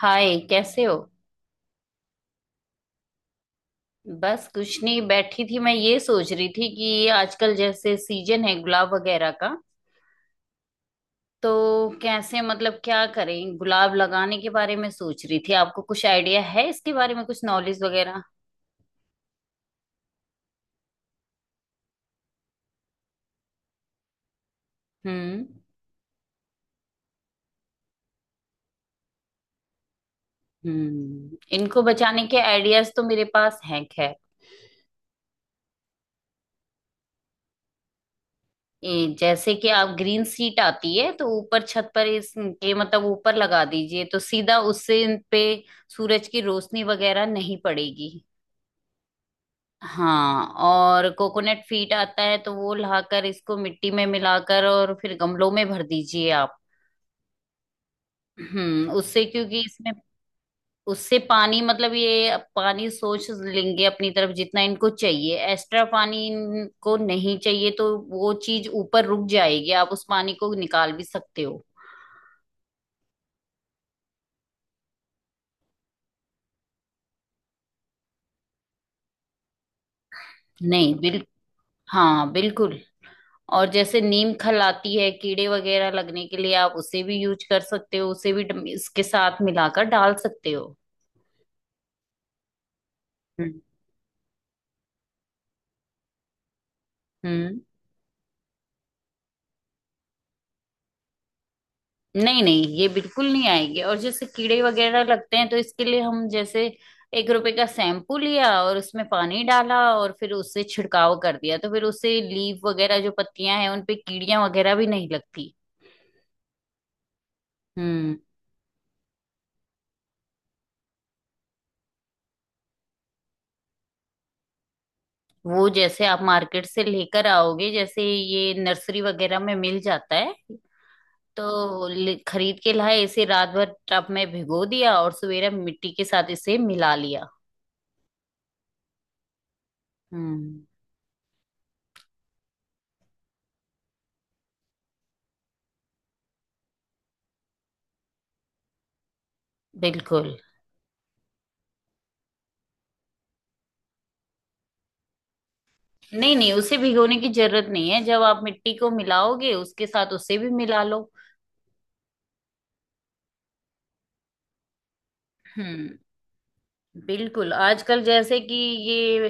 हाय, कैसे हो। बस कुछ नहीं, बैठी थी। मैं ये सोच रही थी कि ये आजकल जैसे सीजन है गुलाब वगैरह का। तो कैसे, मतलब क्या करें, गुलाब लगाने के बारे में सोच रही थी। आपको कुछ आइडिया है इसके बारे में, कुछ नॉलेज वगैरह। हम्म। हम्म। इनको बचाने के आइडियाज तो मेरे पास हैं, खैर ये जैसे कि आप ग्रीन सीट आती है तो ऊपर छत पर, इसके मतलब ऊपर लगा दीजिए तो सीधा उससे इन पे सूरज की रोशनी वगैरह नहीं पड़ेगी। हाँ, और कोकोनट फीट आता है तो वो लाकर इसको मिट्टी में मिलाकर और फिर गमलों में भर दीजिए आप। हम्म, उससे क्योंकि इसमें उससे पानी, मतलब ये पानी सोच लेंगे अपनी तरफ, जितना इनको चाहिए। एक्स्ट्रा पानी इनको नहीं चाहिए तो वो चीज ऊपर रुक जाएगी, आप उस पानी को निकाल भी सकते हो। नहीं बिल, हाँ बिल्कुल। और जैसे नीम खल आती है कीड़े वगैरह लगने के लिए, आप उसे भी यूज कर सकते हो, उसे भी इसके साथ मिलाकर डाल सकते हो। हम्म। हम्म। नहीं नहीं, ये बिल्कुल नहीं आएगी। और जैसे कीड़े वगैरह लगते हैं तो इसके लिए हम जैसे एक रुपए का शैम्पू लिया और उसमें पानी डाला और फिर उससे छिड़काव कर दिया, तो फिर उससे लीफ वगैरह जो पत्तियां हैं उन पे कीड़ियां वगैरह भी नहीं लगती। हम्म। वो जैसे आप मार्केट से लेकर आओगे, जैसे ये नर्सरी वगैरह में मिल जाता है, तो खरीद के लाए, इसे रात भर टब में भिगो दिया और सवेरे मिट्टी के साथ इसे मिला लिया। हम्म। बिल्कुल। नहीं नहीं, उसे भिगोने की जरूरत नहीं है, जब आप मिट्टी को मिलाओगे उसके साथ उसे भी मिला लो। हम्म। बिल्कुल। आजकल जैसे कि ये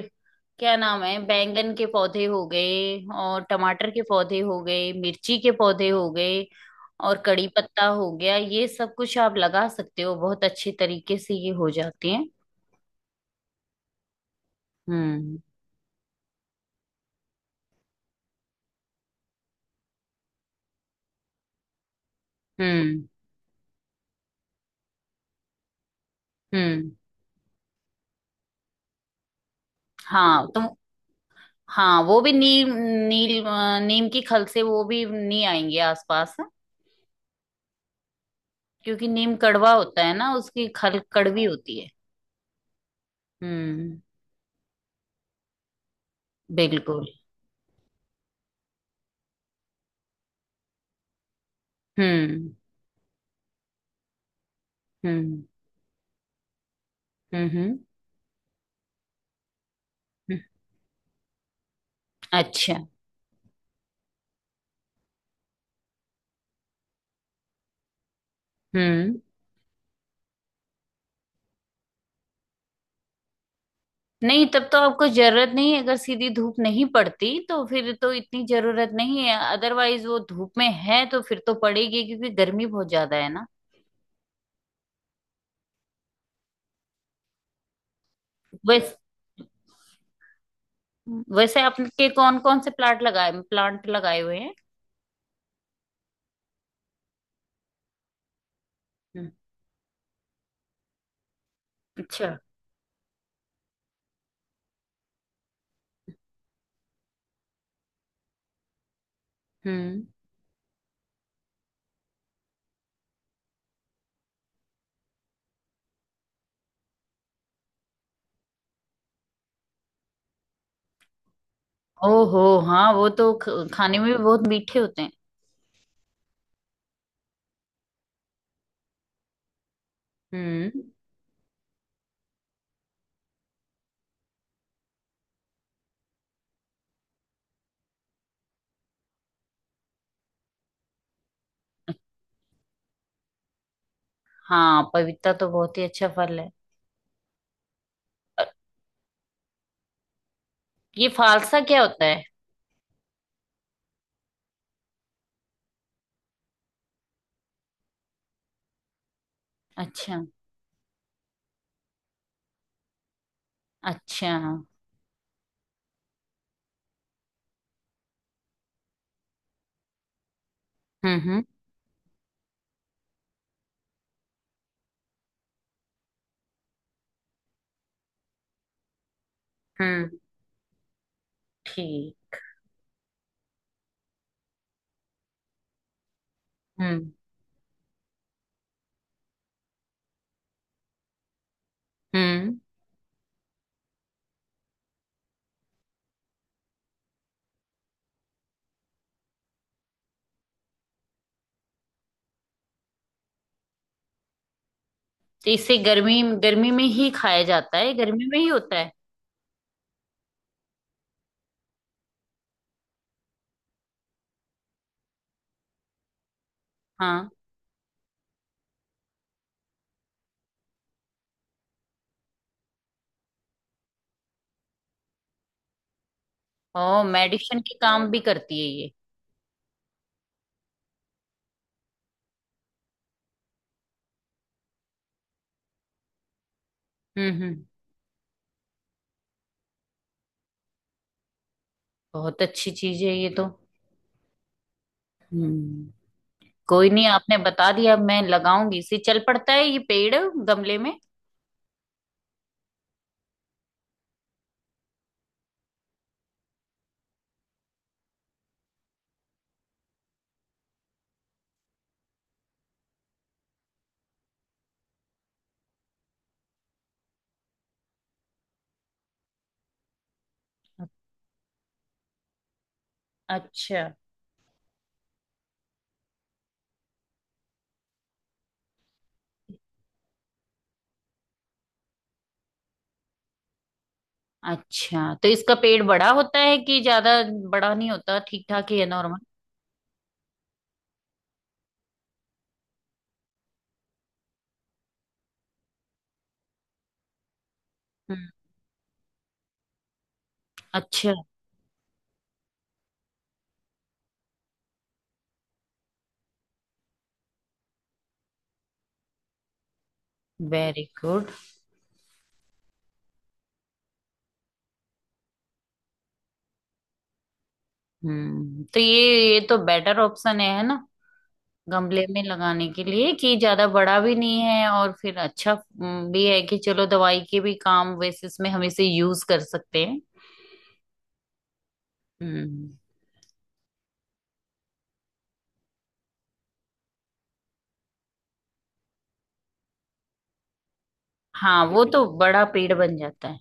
क्या नाम है, बैंगन के पौधे हो गए और टमाटर के पौधे हो गए, मिर्ची के पौधे हो गए और कड़ी पत्ता हो गया। ये सब कुछ आप लगा सकते हो, बहुत अच्छे तरीके से ये हो जाते हैं। हम्म। हम्म। हम्म। हाँ तो हाँ, वो भी नीम, नीम की खल से वो भी नहीं आएंगे आसपास, क्योंकि नीम कड़वा होता है ना, उसकी खल कड़वी होती है। हम्म। बिल्कुल। हम्म। हम्म। हम्म। हम्म। अच्छा। हम्म। नहीं, तब तो आपको जरूरत नहीं है। अगर सीधी धूप नहीं पड़ती तो फिर तो इतनी जरूरत नहीं है। अदरवाइज वो धूप में है तो फिर तो पड़ेगी, क्योंकि गर्मी बहुत ज्यादा है ना। वैस वैसे आपके कौन कौन से प्लांट लगाए, प्लांट लगाए हुए हैं। हम्म, अच्छा। हम्म। ओहो हाँ, वो तो खाने में भी बहुत मीठे होते हैं। हम्म। हाँ, पपीता तो बहुत ही अच्छा फल है। अ, ये फालसा क्या होता है। अच्छा। अच्छा। हम्म। हम्म। हम्म। ठीक। हम्म। हम्म। तो इसे गर्मी गर्मी में ही खाया जाता है, गर्मी में ही होता है। हाँ। ओ, मेडिसिन के काम भी करती है ये। हम्म। बहुत अच्छी चीज है ये तो। हम्म। कोई नहीं, आपने बता दिया। अब मैं लगाऊंगी इसे, चल पड़ता है ये पेड़ गमले में। अच्छा अच्छा, तो इसका पेड़ बड़ा होता है कि ज्यादा बड़ा नहीं होता, ठीक ठाक ही है, नॉर्मल। हम्म। अच्छा। Very good. हम्म। तो ये तो बेटर ऑप्शन है ना, गमले में लगाने के लिए कि ज्यादा बड़ा भी नहीं है। और फिर अच्छा भी है कि चलो दवाई के भी काम, वैसे इसमें हम इसे यूज कर सकते हैं। हम्म। हाँ, वो तो बड़ा पेड़ बन जाता है।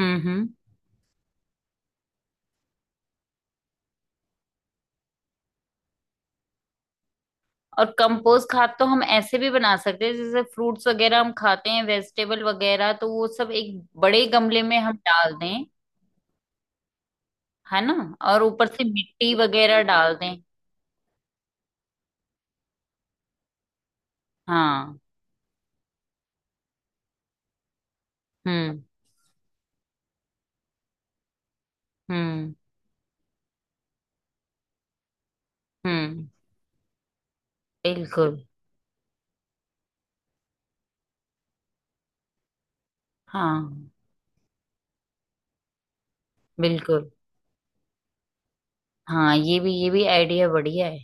हम्म। हम्म। और कंपोस्ट खाद तो हम ऐसे भी बना सकते हैं, जैसे फ्रूट्स वगैरह हम खाते हैं, वेजिटेबल वगैरह, तो वो सब एक बड़े गमले में हम डाल दें, है ना। और ऊपर से मिट्टी वगैरह डाल दें। हाँ। हम्म। हम्म। हम्म। बिल्कुल। हाँ। बिल्कुल। हाँ, ये भी, ये भी आइडिया बढ़िया है।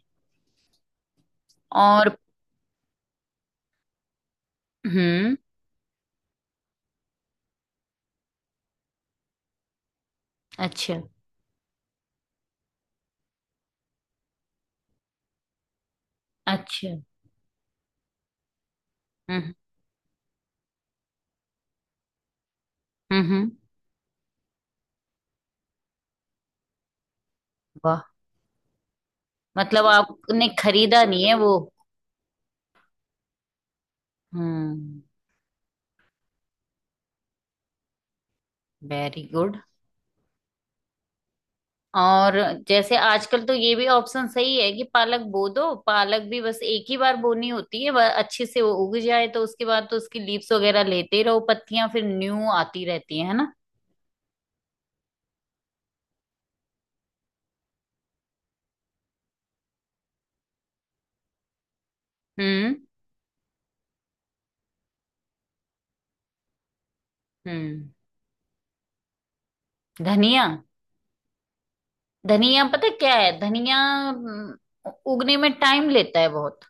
और हम्म। अच्छा अच्छा। हम्म। हम्म। वाह। मतलब आपने खरीदा नहीं है वो। हम्म। Very good. और जैसे आजकल तो ये भी ऑप्शन सही है कि पालक बो दो। पालक भी बस एक ही बार बोनी होती है, वह अच्छे से वो उग जाए तो उसके बाद तो उसकी लीव्स वगैरह लेते रहो, पत्तियां फिर न्यू आती रहती है ना। हम्म। हम्म। धनिया। धनिया, पता क्या है, धनिया उगने में टाइम लेता है बहुत।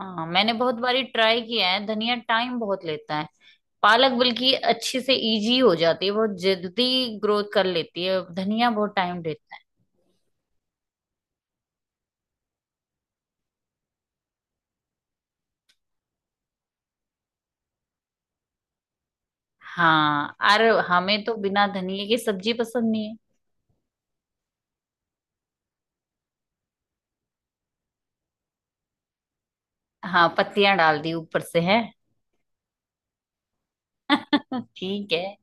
हाँ, मैंने बहुत बारी ट्राई किया है, धनिया टाइम बहुत लेता है। पालक बल्कि अच्छे से इजी हो जाती है, बहुत जल्दी ग्रोथ कर लेती है, धनिया बहुत टाइम लेती है। हाँ, अरे हमें तो बिना धनिए की सब्जी पसंद नहीं है। हाँ, पत्तियां डाल दी ऊपर से, है। ठीक है।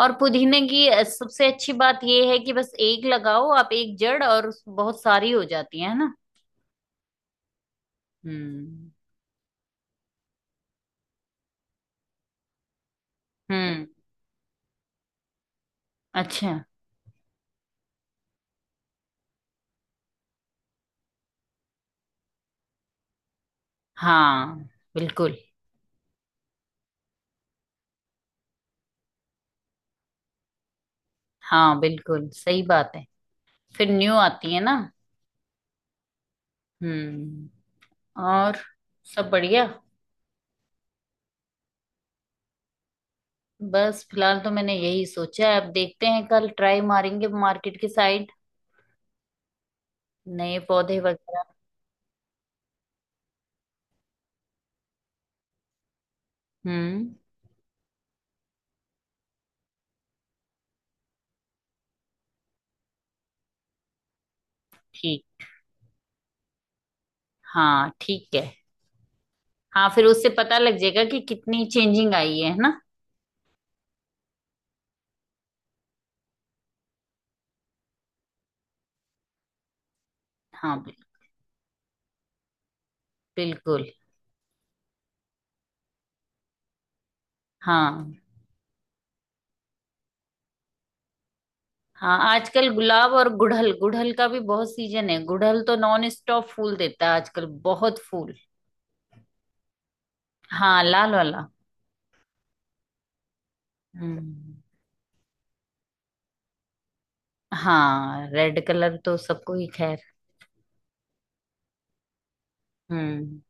और पुदीने की सबसे अच्छी बात ये है कि बस एक लगाओ आप, एक जड़, और बहुत सारी हो जाती है ना। हम्म। हम्म। अच्छा। हाँ बिल्कुल, हाँ बिल्कुल सही बात है, फिर न्यू आती है ना। हम्म। और सब बढ़िया। बस फिलहाल तो मैंने यही सोचा है, अब देखते हैं कल ट्राई मारेंगे मार्केट की साइड, नए पौधे वगैरह। हम्म। ठीक। हाँ ठीक है। हाँ, फिर उससे पता लग जाएगा कि कितनी चेंजिंग आई है ना। हाँ बिल्कुल। हाँ। हाँ, आजकल गुलाब, और गुड़हल, गुड़हल का भी बहुत सीजन है, गुड़हल तो नॉन स्टॉप फूल देता है आजकल, बहुत फूल। हाँ, लाल वाला। हम्म। हाँ, रेड कलर तो सबको ही, खैर। हम्म।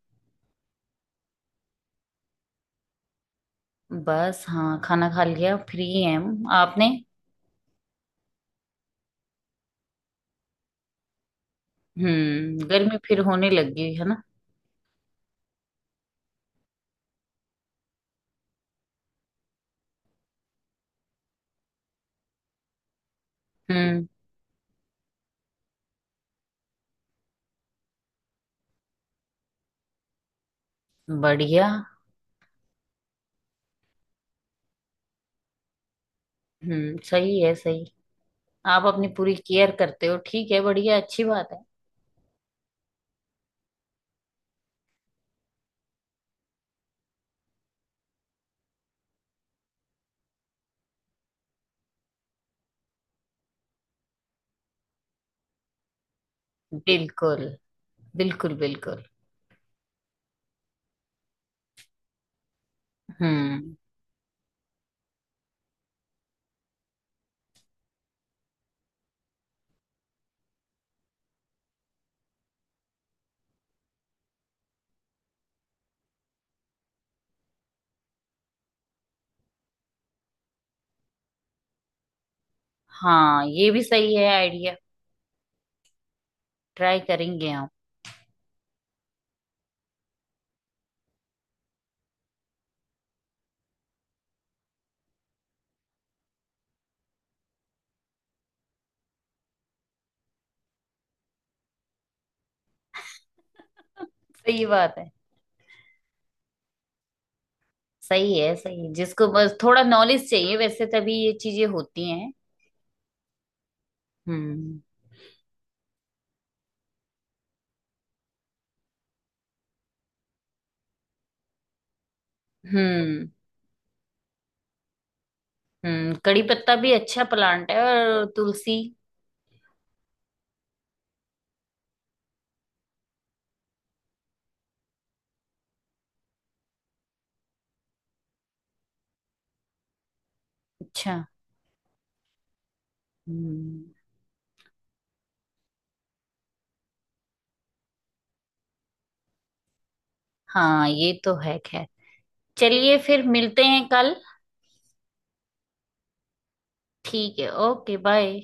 बस हाँ, खाना खा लिया, फ्री है हम, आपने। हम्म, गर्मी फिर होने लगी है ना। हम्म। बढ़िया। हम्म। सही है, सही। आप अपनी पूरी केयर करते हो, ठीक है, बढ़िया, अच्छी बात है। बिल्कुल, बिल्कुल बिल्कुल। हम्म। हाँ ये भी सही है आइडिया, ट्राई करेंगे हम। सही बात है, सही है सही है, जिसको बस थोड़ा नॉलेज चाहिए वैसे, तभी ये चीजें होती हैं। हम्म। हम्म। हम्म। कड़ी पत्ता भी अच्छा प्लांट है, और तुलसी। अच्छा। हम्म। हाँ, ये तो है खैर। चलिए फिर मिलते हैं कल। ठीक है, ओके बाय।